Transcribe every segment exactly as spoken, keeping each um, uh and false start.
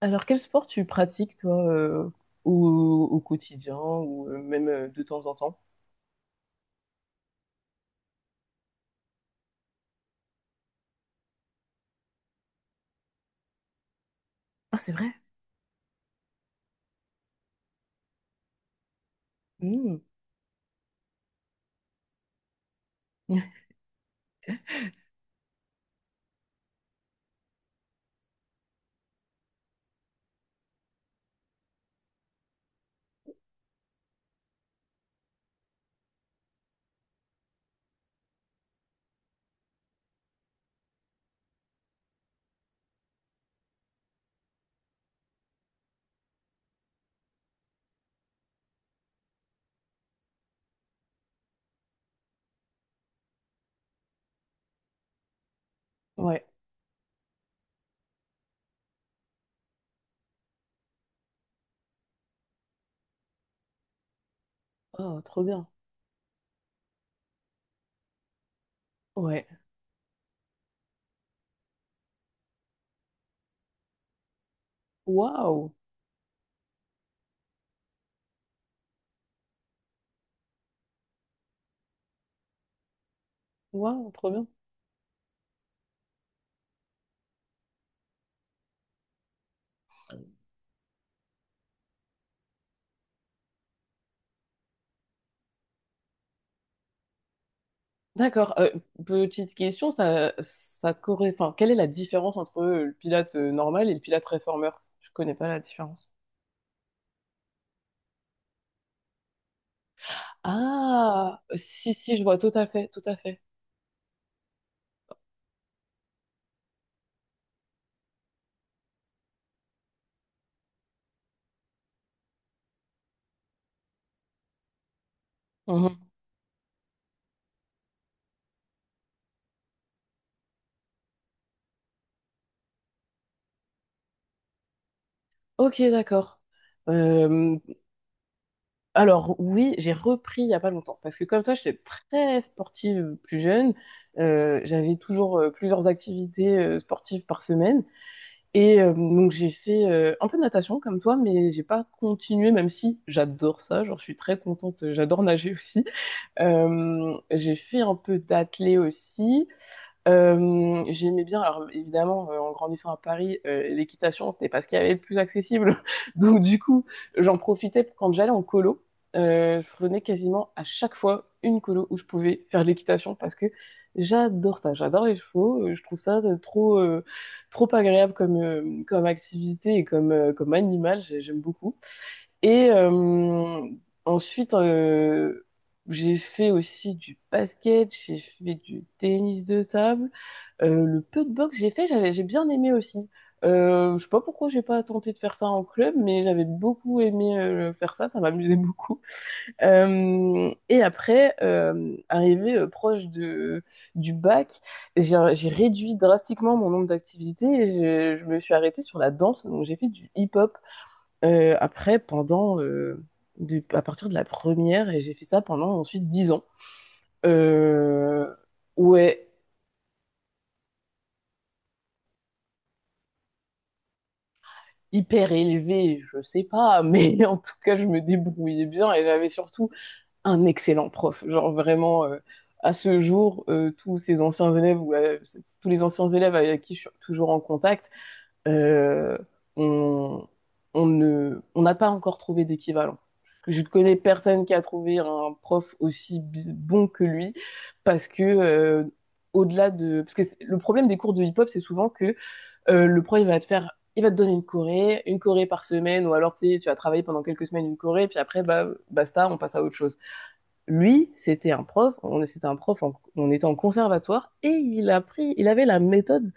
Alors, quel sport tu pratiques, toi, euh, au, au quotidien ou euh, même euh, de temps en temps? Ah, c'est vrai? Hmm. Ouais. Oh, trop bien. Ouais. Waouh. Waouh, trop bien. D'accord. Euh, petite question, ça, ça corré- Enfin, quelle est la différence entre euh, le pilate euh, normal et le pilate réformeur? Je connais pas la différence. Ah, si, si, je vois tout à fait, tout à fait. Mhm. Ok, d'accord. Euh, alors oui, j'ai repris il y a pas longtemps parce que comme toi, j'étais très sportive plus jeune. Euh, j'avais toujours euh, plusieurs activités euh, sportives par semaine et euh, donc j'ai fait euh, un peu de natation comme toi, mais j'ai pas continué même si j'adore ça. Genre je suis très contente, j'adore nager aussi. Euh, j'ai fait un peu d'athlé aussi euh, j'aimais bien, alors évidemment, euh, en grandissant à Paris, euh, l'équitation, c'était pas ce qu'il y avait de plus accessible. Donc du coup, j'en profitais quand j'allais en colo. Euh, je prenais quasiment à chaque fois une colo où je pouvais faire de l'équitation parce que j'adore ça, j'adore les chevaux, euh, je trouve ça de- trop, euh, trop agréable comme, euh, comme activité et comme, euh, comme animal, j'ai- j'aime beaucoup. Et euh, ensuite, euh, j'ai fait aussi du basket, j'ai fait du tennis de table. Euh, le peu de boxe que j'ai fait, j'avais, j'ai bien aimé aussi. Euh, je sais pas pourquoi j'ai pas tenté de faire ça en club, mais j'avais beaucoup aimé euh, faire ça, ça m'amusait beaucoup. Euh, et après, euh, arrivé euh, proche de du bac, j'ai j'ai réduit drastiquement mon nombre d'activités et je, je me suis arrêtée sur la danse, donc j'ai fait du hip-hop euh, après pendant euh, du- à partir de la première et j'ai fait ça pendant ensuite dix ans. Euh, ouais. Hyper élevé, je sais pas, mais en tout cas, je me débrouillais bien et j'avais surtout un excellent prof. Genre vraiment, euh, à ce jour, euh, tous ces anciens élèves ou euh, tous les anciens élèves avec qui je suis toujours en contact, euh, on, on ne, on n'a pas encore trouvé d'équivalent. Je ne connais personne qui a trouvé un prof aussi bon que lui parce que euh, au-delà de parce que le problème des cours de hip-hop c'est souvent que euh, le pro, il va te faire, il va te donner une corée, une corée par semaine, ou alors tu sais, tu vas travailler pendant quelques semaines une corée, puis après, bah, basta, on passe à autre chose. Lui, c'était un prof, on, c'était un prof, en- on était en conservatoire, et il a pris, il avait la méthode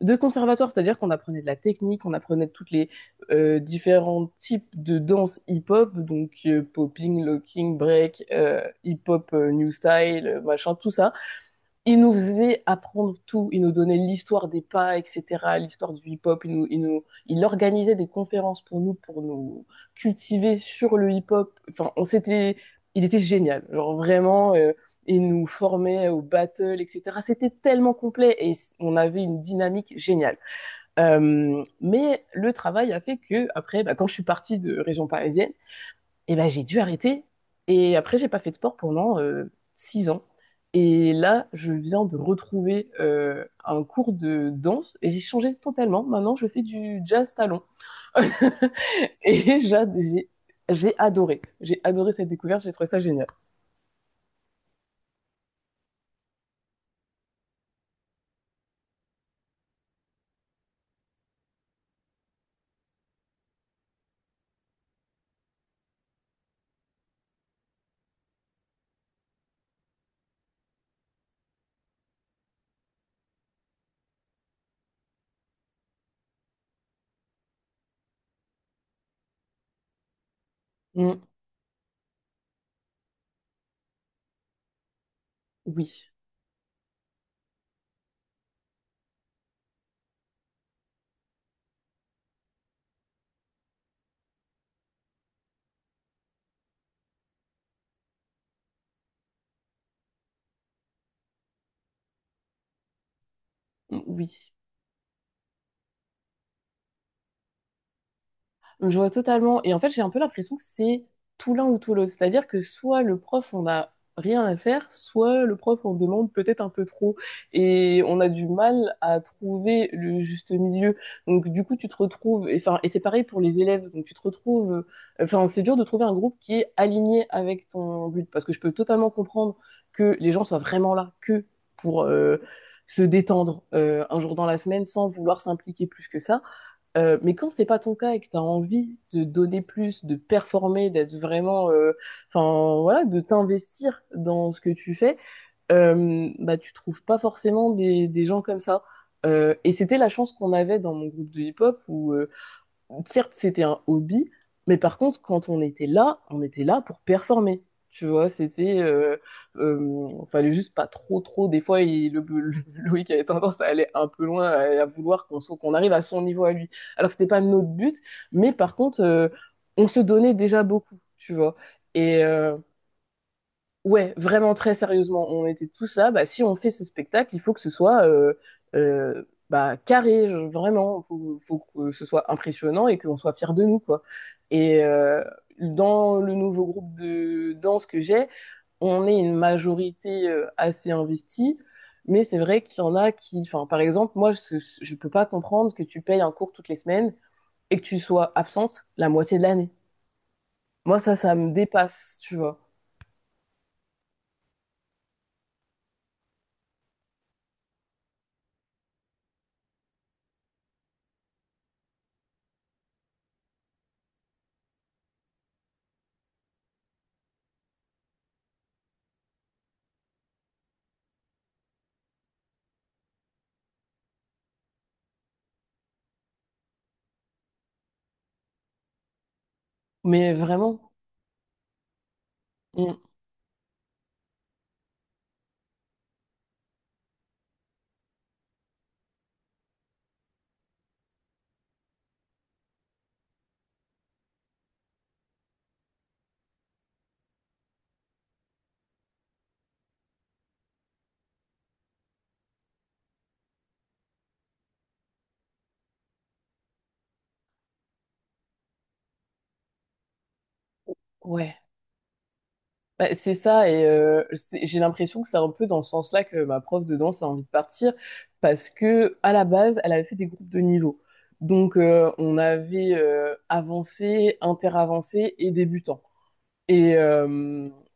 de conservatoire, c'est-à-dire qu'on apprenait de la technique, on apprenait toutes les euh, différents types de danse hip-hop, donc euh, popping, locking, break, euh, hip-hop, euh, new style, euh, machin, tout ça il nous faisait apprendre tout. Il nous donnait l'histoire des pas, et cetera, l'histoire du hip-hop. Il, nous, il, nous, il organisait des conférences pour nous, pour nous cultiver sur le hip-hop. Enfin, on s'était, il était génial. Genre vraiment, euh, il nous formait au battle, et cetera. C'était tellement complet et on avait une dynamique géniale. Euh, mais le travail a fait que après, bah, quand je suis partie de région parisienne, et ben, j'ai dû arrêter. Et après, j'ai pas fait de sport pendant euh, six ans. Et là, je viens de retrouver euh, un cours de danse et j'ai changé totalement. Maintenant, je fais du jazz talon. Et j'a- j'ai j'ai adoré. J'ai adoré cette découverte. J'ai trouvé ça génial. Mm, oui. Mm, oui. Je vois totalement. Et en fait, j'ai un peu l'impression que c'est tout l'un ou tout l'autre. C'est-à-dire que soit le prof, on n'a rien à faire, soit le prof on demande peut-être un peu trop. Et on a du mal à trouver le juste milieu. Donc, du coup, tu te retrouves, et, enfin, et c'est pareil pour les élèves. Donc, tu te retrouves, enfin, c'est dur de trouver un groupe qui est aligné avec ton but. Parce que je peux totalement comprendre que les gens soient vraiment là que pour, euh, se détendre euh, un jour dans la semaine sans vouloir s'impliquer plus que ça. Euh, mais quand c'est pas ton cas et que tu as envie de donner plus, de performer, d'être vraiment, euh, enfin voilà, de t'investir dans ce que tu fais, euh, bah tu trouves pas forcément des, des gens comme ça. Euh, et c'était la chance qu'on avait dans mon groupe de hip-hop où euh, certes, c'était un hobby, mais par contre, quand on était là, on était là pour performer. Tu vois, c'était, euh, euh, fallait juste pas trop, trop. Des fois, il, le, le- Loïc avait tendance à aller un peu loin, à, à vouloir qu'on soit- qu'on arrive à son niveau à lui. Alors que c'était pas notre but, mais par contre, euh, on se donnait déjà beaucoup, tu vois. Et, euh, ouais, vraiment très sérieusement, on était tous là. Bah, si on fait ce spectacle, il faut que ce soit euh, euh, bah, carré, je- vraiment. Faut, faut que ce soit impressionnant et qu'on soit fiers de nous, quoi. Et euh, dans le nouveau groupe de danse que j'ai, on est une majorité euh, assez investie, mais c'est vrai qu'il y en a qui, enfin, par exemple, moi, je, je peux pas comprendre que tu payes un cours toutes les semaines et que tu sois absente la moitié de l'année. Moi, ça, ça me dépasse, tu vois. Mais vraiment, mm, ouais. Bah, c'est ça, et euh, c'est- j'ai l'impression que c'est un peu dans ce sens-là que ma prof de danse a envie de partir, parce que à la base, elle avait fait des groupes de niveau. Donc, euh, on avait euh, avancé, interavancé et débutant. Et euh,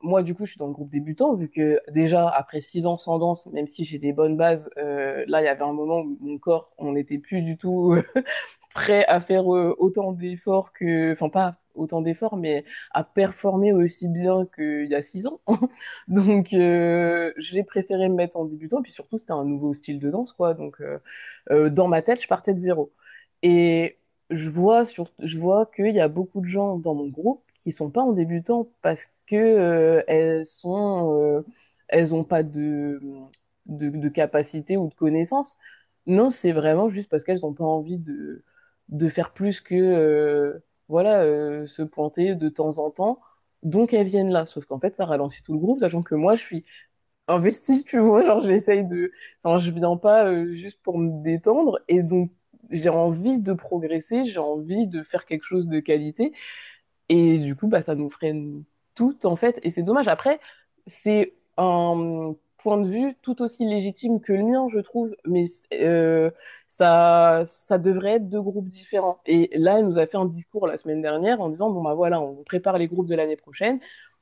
moi, du coup, je suis dans le groupe débutant, vu que déjà, après six ans sans danse, même si j'ai des bonnes bases, euh, là, il y avait un moment où mon corps, on n'était plus du tout euh, prêt à faire euh, autant d'efforts que… Enfin, pas autant d'efforts, mais à performer aussi bien qu'il y a six ans. Donc, euh, j'ai préféré me mettre en débutant, et puis surtout, c'était un nouveau style de danse, quoi. Donc, euh, euh, dans ma tête, je partais de zéro. Et je vois sur, je vois qu'il y a beaucoup de gens dans mon groupe qui sont pas en débutant parce que euh, elles sont, euh, elles ont pas de, de, de capacité ou de connaissances. Non, c'est vraiment juste parce qu'elles ont pas envie de, de faire plus que, euh, voilà, euh, se pointer de temps en temps. Donc elles viennent là. Sauf qu'en fait, ça ralentit tout le groupe, sachant que moi, je suis investi, tu vois. Genre, j'essaye de. Enfin, je viens pas euh, juste pour me détendre. Et donc, j'ai envie de progresser, j'ai envie de faire quelque chose de qualité. Et du coup, bah, ça nous freine toutes, en fait. Et c'est dommage. Après, c'est un point de vue tout aussi légitime que le mien, je trouve. Mais euh, ça, ça devrait être deux groupes différents. Et là, elle nous a fait un discours la semaine dernière en disant, bon, bah voilà, on prépare les groupes de l'année prochaine.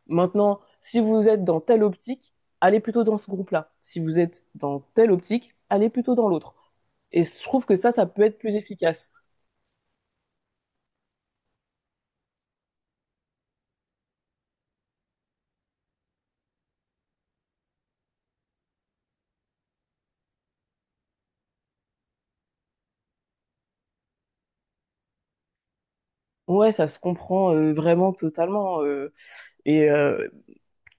Maintenant, si vous êtes dans telle optique, allez plutôt dans ce groupe-là. Si vous êtes dans telle optique, allez plutôt dans l'autre. Et je trouve que ça, ça peut être plus efficace. Ouais, ça se comprend euh, vraiment totalement. euh, et euh,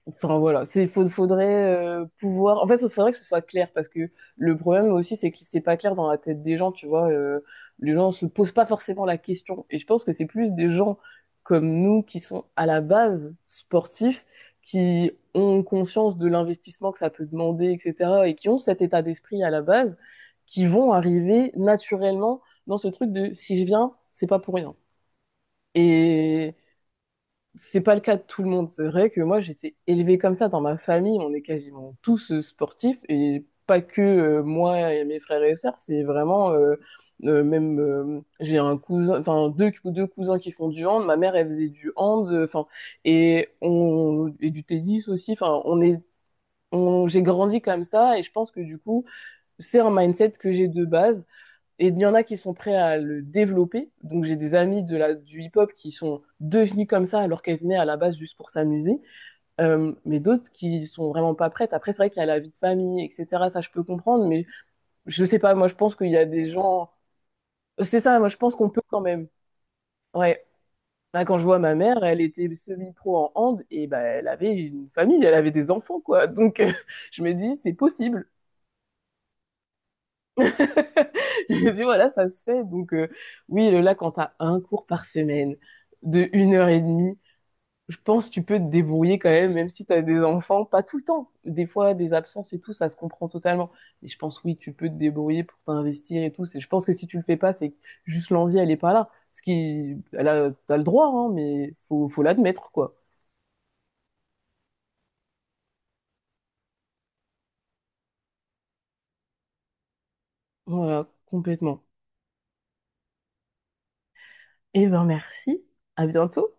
Enfin voilà, c'est faut- faudrait euh, pouvoir. En fait, il faudrait que ce soit clair parce que le problème aussi, c'est que c'est pas clair dans la tête des gens. Tu vois, euh, les gens se posent pas forcément la question. Et je pense que c'est plus des gens comme nous qui sont à la base sportifs, qui ont conscience de l'investissement que ça peut demander, et cetera, et qui ont cet état d'esprit à la base, qui vont arriver naturellement dans ce truc de si je viens, c'est pas pour rien c'est pas le cas de tout le monde. C'est vrai que moi, j'étais élevée comme ça dans ma famille. On est quasiment tous euh, sportifs et pas que euh, moi et mes frères et sœurs. C'est vraiment euh, euh, même euh, j'ai un cousin, enfin deux deux cousins qui font du hand. Ma mère, elle faisait du hand, euh, enfin et on et du tennis aussi. Enfin, on est on, j'ai grandi comme ça et je pense que du coup, c'est un mindset que j'ai de base. Et il y en a qui sont prêts à le développer. Donc j'ai des amis de la, du hip-hop qui sont devenus comme ça alors qu'elles venaient à la base juste pour s'amuser. Euh, mais d'autres qui sont vraiment pas prêtes. Après, c'est vrai qu'il y a la vie de famille, et cetera. Ça, je peux comprendre. Mais je sais pas, moi, je pense qu'il y a des gens… C'est ça, moi, je pense qu'on peut quand même. Ouais. Là, quand je vois ma mère, elle était semi-pro en hand et bah, elle avait une famille, elle avait des enfants, quoi. Donc, euh, je me dis, c'est possible. Je dis voilà, ça se fait. Donc, euh, oui, là, quand t'as un cours par semaine de une heure et demie, je pense que tu peux te débrouiller quand même, même si t'as des enfants, pas tout le temps. Des fois, des absences et tout, ça se comprend totalement. Mais je pense, oui, tu peux te débrouiller pour t'investir et tout. C'est- Je pense que si tu le fais pas, c'est que juste l'envie, elle est pas là. Ce qui, elle a, t'as le droit, hein, mais faut, faut l'admettre, quoi. Voilà, complètement. Et ben, merci. À bientôt.